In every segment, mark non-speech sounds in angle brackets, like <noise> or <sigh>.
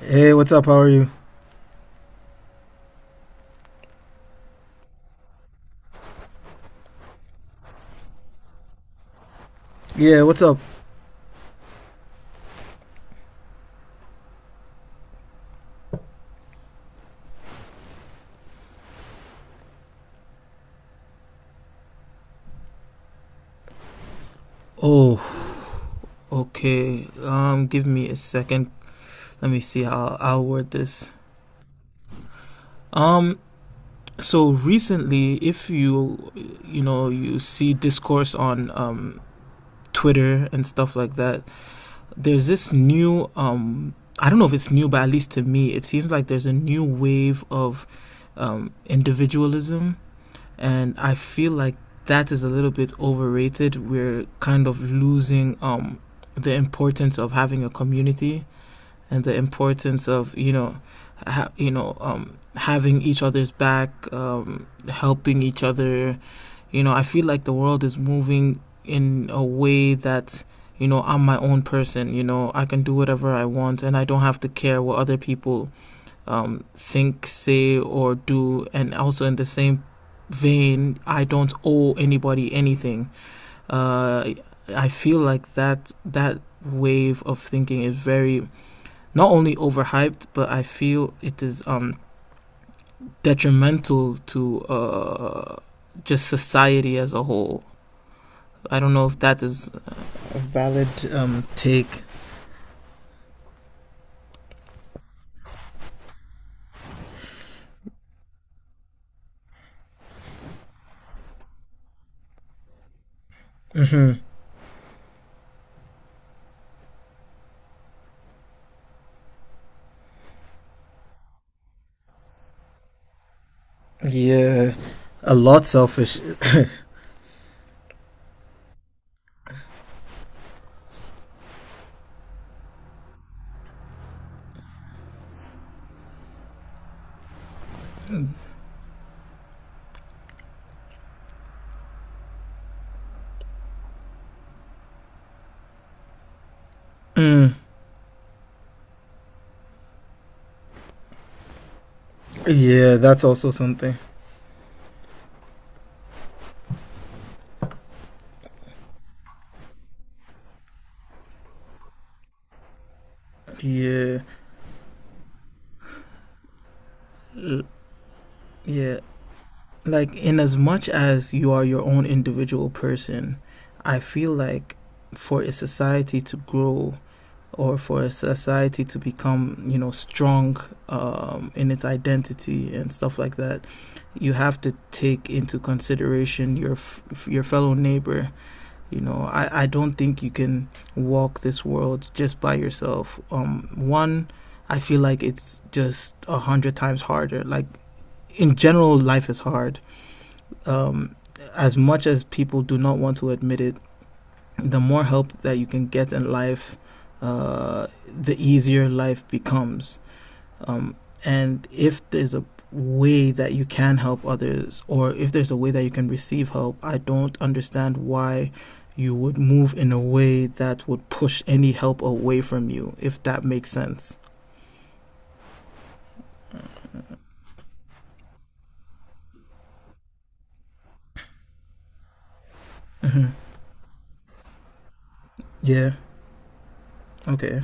Hey, what's up? How are you? Yeah, what's up? Oh, okay. Give me a second. Let me see how I'll word this. Um, so recently, if you you see discourse on Twitter and stuff like that, there's this new. I don't know if it's new, but at least to me, it seems like there's a new wave of individualism, and I feel like that is a little bit overrated. We're kind of losing the importance of having a community and the importance of having each other's back, helping each other. You know, I feel like the world is moving in a way that, you know, I'm my own person. You know, I can do whatever I want, and I don't have to care what other people think, say, or do. And also in the same vein, I don't owe anybody anything. Uh, I feel like that wave of thinking is very not only overhyped, but I feel it is detrimental to just society as a whole. I don't know if that is a valid take. Yeah, a lot selfish. <laughs> Yeah, that's also something. Yeah, yeah. Like, in as much as you are your own individual person, I feel like for a society to grow or for a society to become, you know, strong in its identity and stuff like that, you have to take into consideration your your fellow neighbor. You know, I don't think you can walk this world just by yourself, one. I feel like it's just 100 times harder. Like in general, life is hard. um, as much as people do not want to admit it, the more help that you can get in life, the easier life becomes. Um, and if there's a way that you can help others, or if there's a way that you can receive help, I don't understand why you would move in a way that would push any help away from you, if that makes sense. Yeah, okay.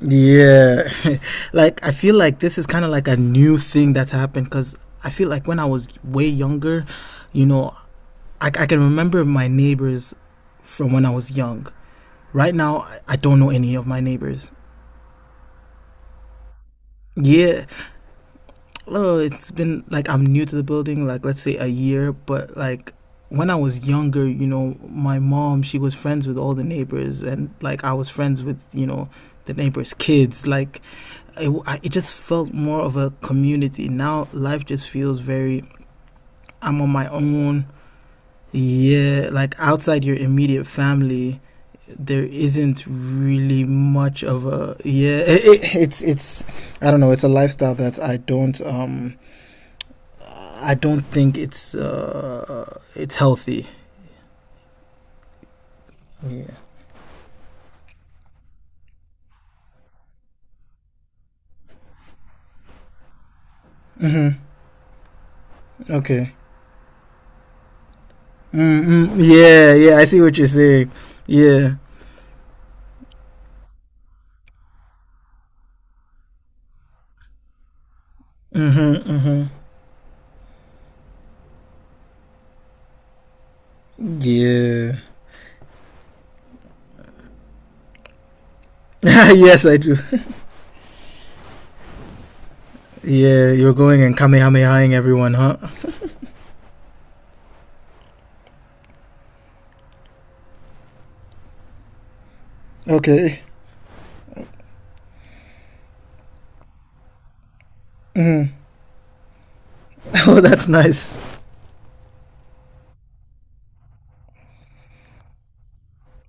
Yeah. <laughs> Like, I feel like this is kind of like a new thing that's happened, cuz I feel like when I was way younger, you know, I can remember my neighbors from when I was young. Right now, I don't know any of my neighbors. Yeah, oh, it's been like, I'm new to the building, like let's say a year, but like when I was younger, you know, my mom, she was friends with all the neighbors, and like I was friends with, you know, the neighbors' kids. Like it just felt more of a community. Now life just feels very, I'm on my own. Yeah, like outside your immediate family, there isn't really much of a yeah. <laughs> It's I don't know. It's a lifestyle that I don't think it's healthy. Yeah. Okay. Yeah, yeah, I see what you're saying. Yeah, yeah. <laughs> Yes, I do. Yeah, you're going and kamehamehaing everyone, huh? Okay. Mm. <laughs> Oh, that's nice.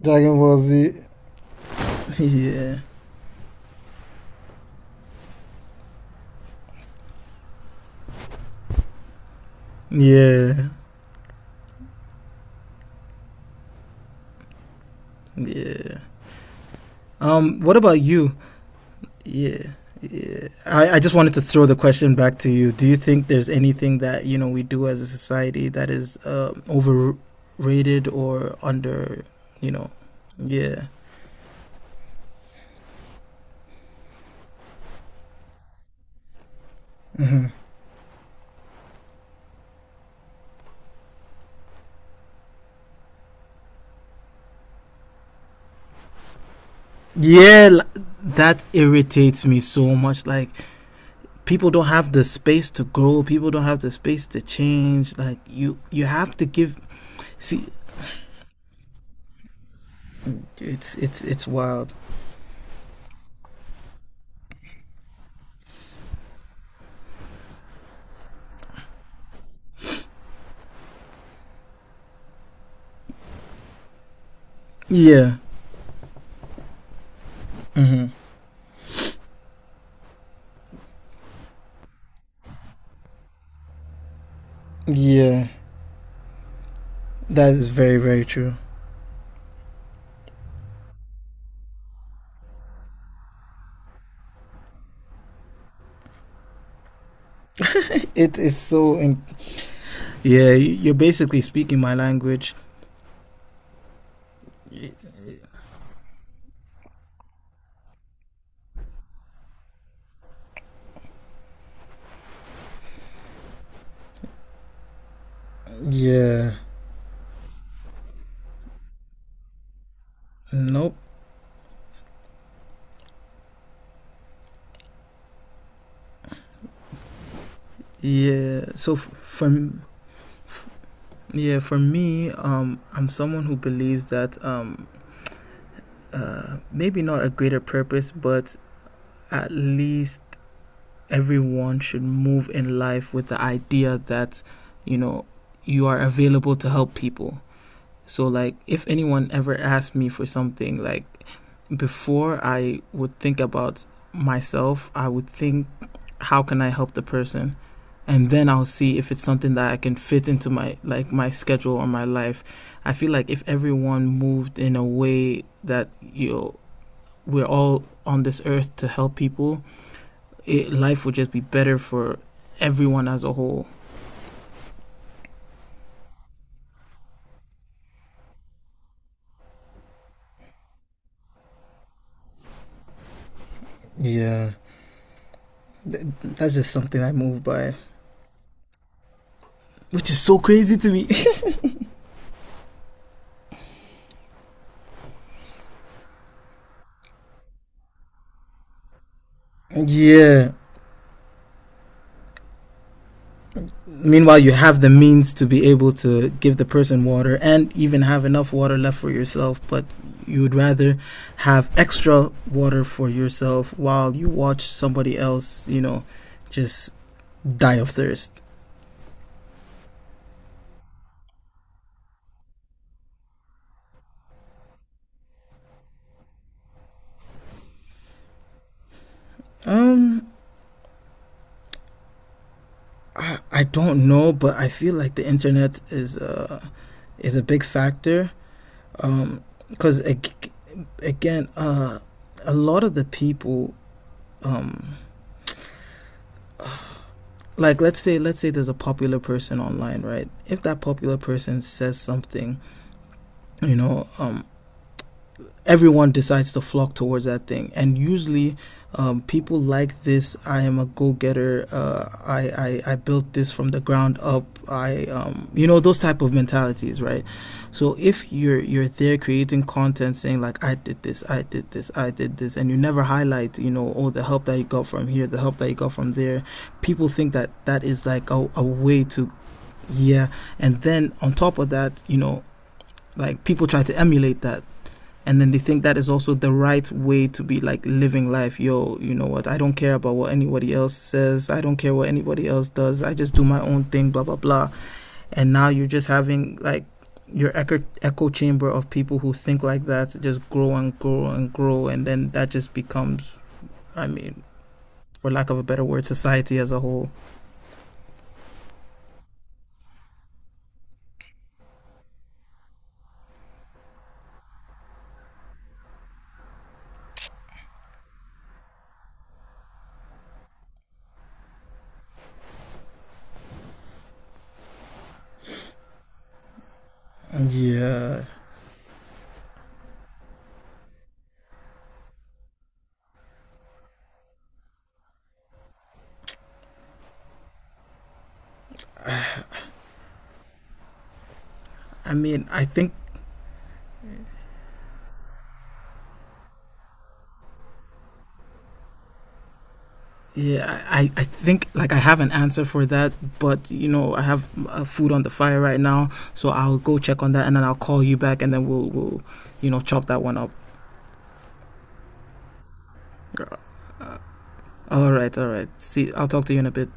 Dragon Ball Z. Yeah, yeah, yeah. What about you? Yeah. Yeah. I just wanted to throw the question back to you. Do you think there's anything that you know we do as a society that is overrated or under? You know, yeah, yeah. That irritates me so much. Like, people don't have the space to grow. People don't have the space to change. Like, you have to give. See, it's wild. Yeah, yeah. That is very very true. It is so in. Yeah, you- are basically speaking my language. Yeah. Nope. Yeah. So for f- yeah, for me, I'm someone who believes that maybe not a greater purpose, but at least everyone should move in life with the idea that, you know, you are available to help people. So like, if anyone ever asked me for something, like before I would think about myself, I would think, how can I help the person? And then I'll see if it's something that I can fit into my like my schedule or my life. I feel like if everyone moved in a way that, you know, we're all on this earth to help people, it, life would just be better for everyone as a whole. Yeah. That's just something I move by, which is so crazy to me. <laughs> Yeah. Meanwhile, you have the means to be able to give the person water and even have enough water left for yourself, but you would rather have extra water for yourself while you watch somebody else, you know, just die of thirst. Um, I don't know, but I feel like the internet is a big factor. Um, because ag- Again, a lot of the people um like, let's say there's a popular person online, right? If that popular person says something, you know um everyone decides to flock towards that thing. And usually, people like this. I am a go-getter. I built this from the ground up. I you know, those type of mentalities, right? So if you're there creating content saying like I did this, I did this, I did this, and you never highlight, you know, all the help that you got from here, the help that you got from there, people think that that is like a way to yeah. And then on top of that, you know, like people try to emulate that, and then they think that is also the right way to be like living life. Yo, you know what, I don't care about what anybody else says, I don't care what anybody else does, I just do my own thing, blah blah blah. And now you're just having like your echo chamber of people who think like that just grow and grow and grow, and then that just becomes, I mean, for lack of a better word, society as a whole. Yeah. I mean, I think, yeah, I think like I have an answer for that, but you know I have food on the fire right now, so I'll go check on that, and then I'll call you back, and then we'll you know chop that one up. All right, all right. See, I'll talk to you in a bit.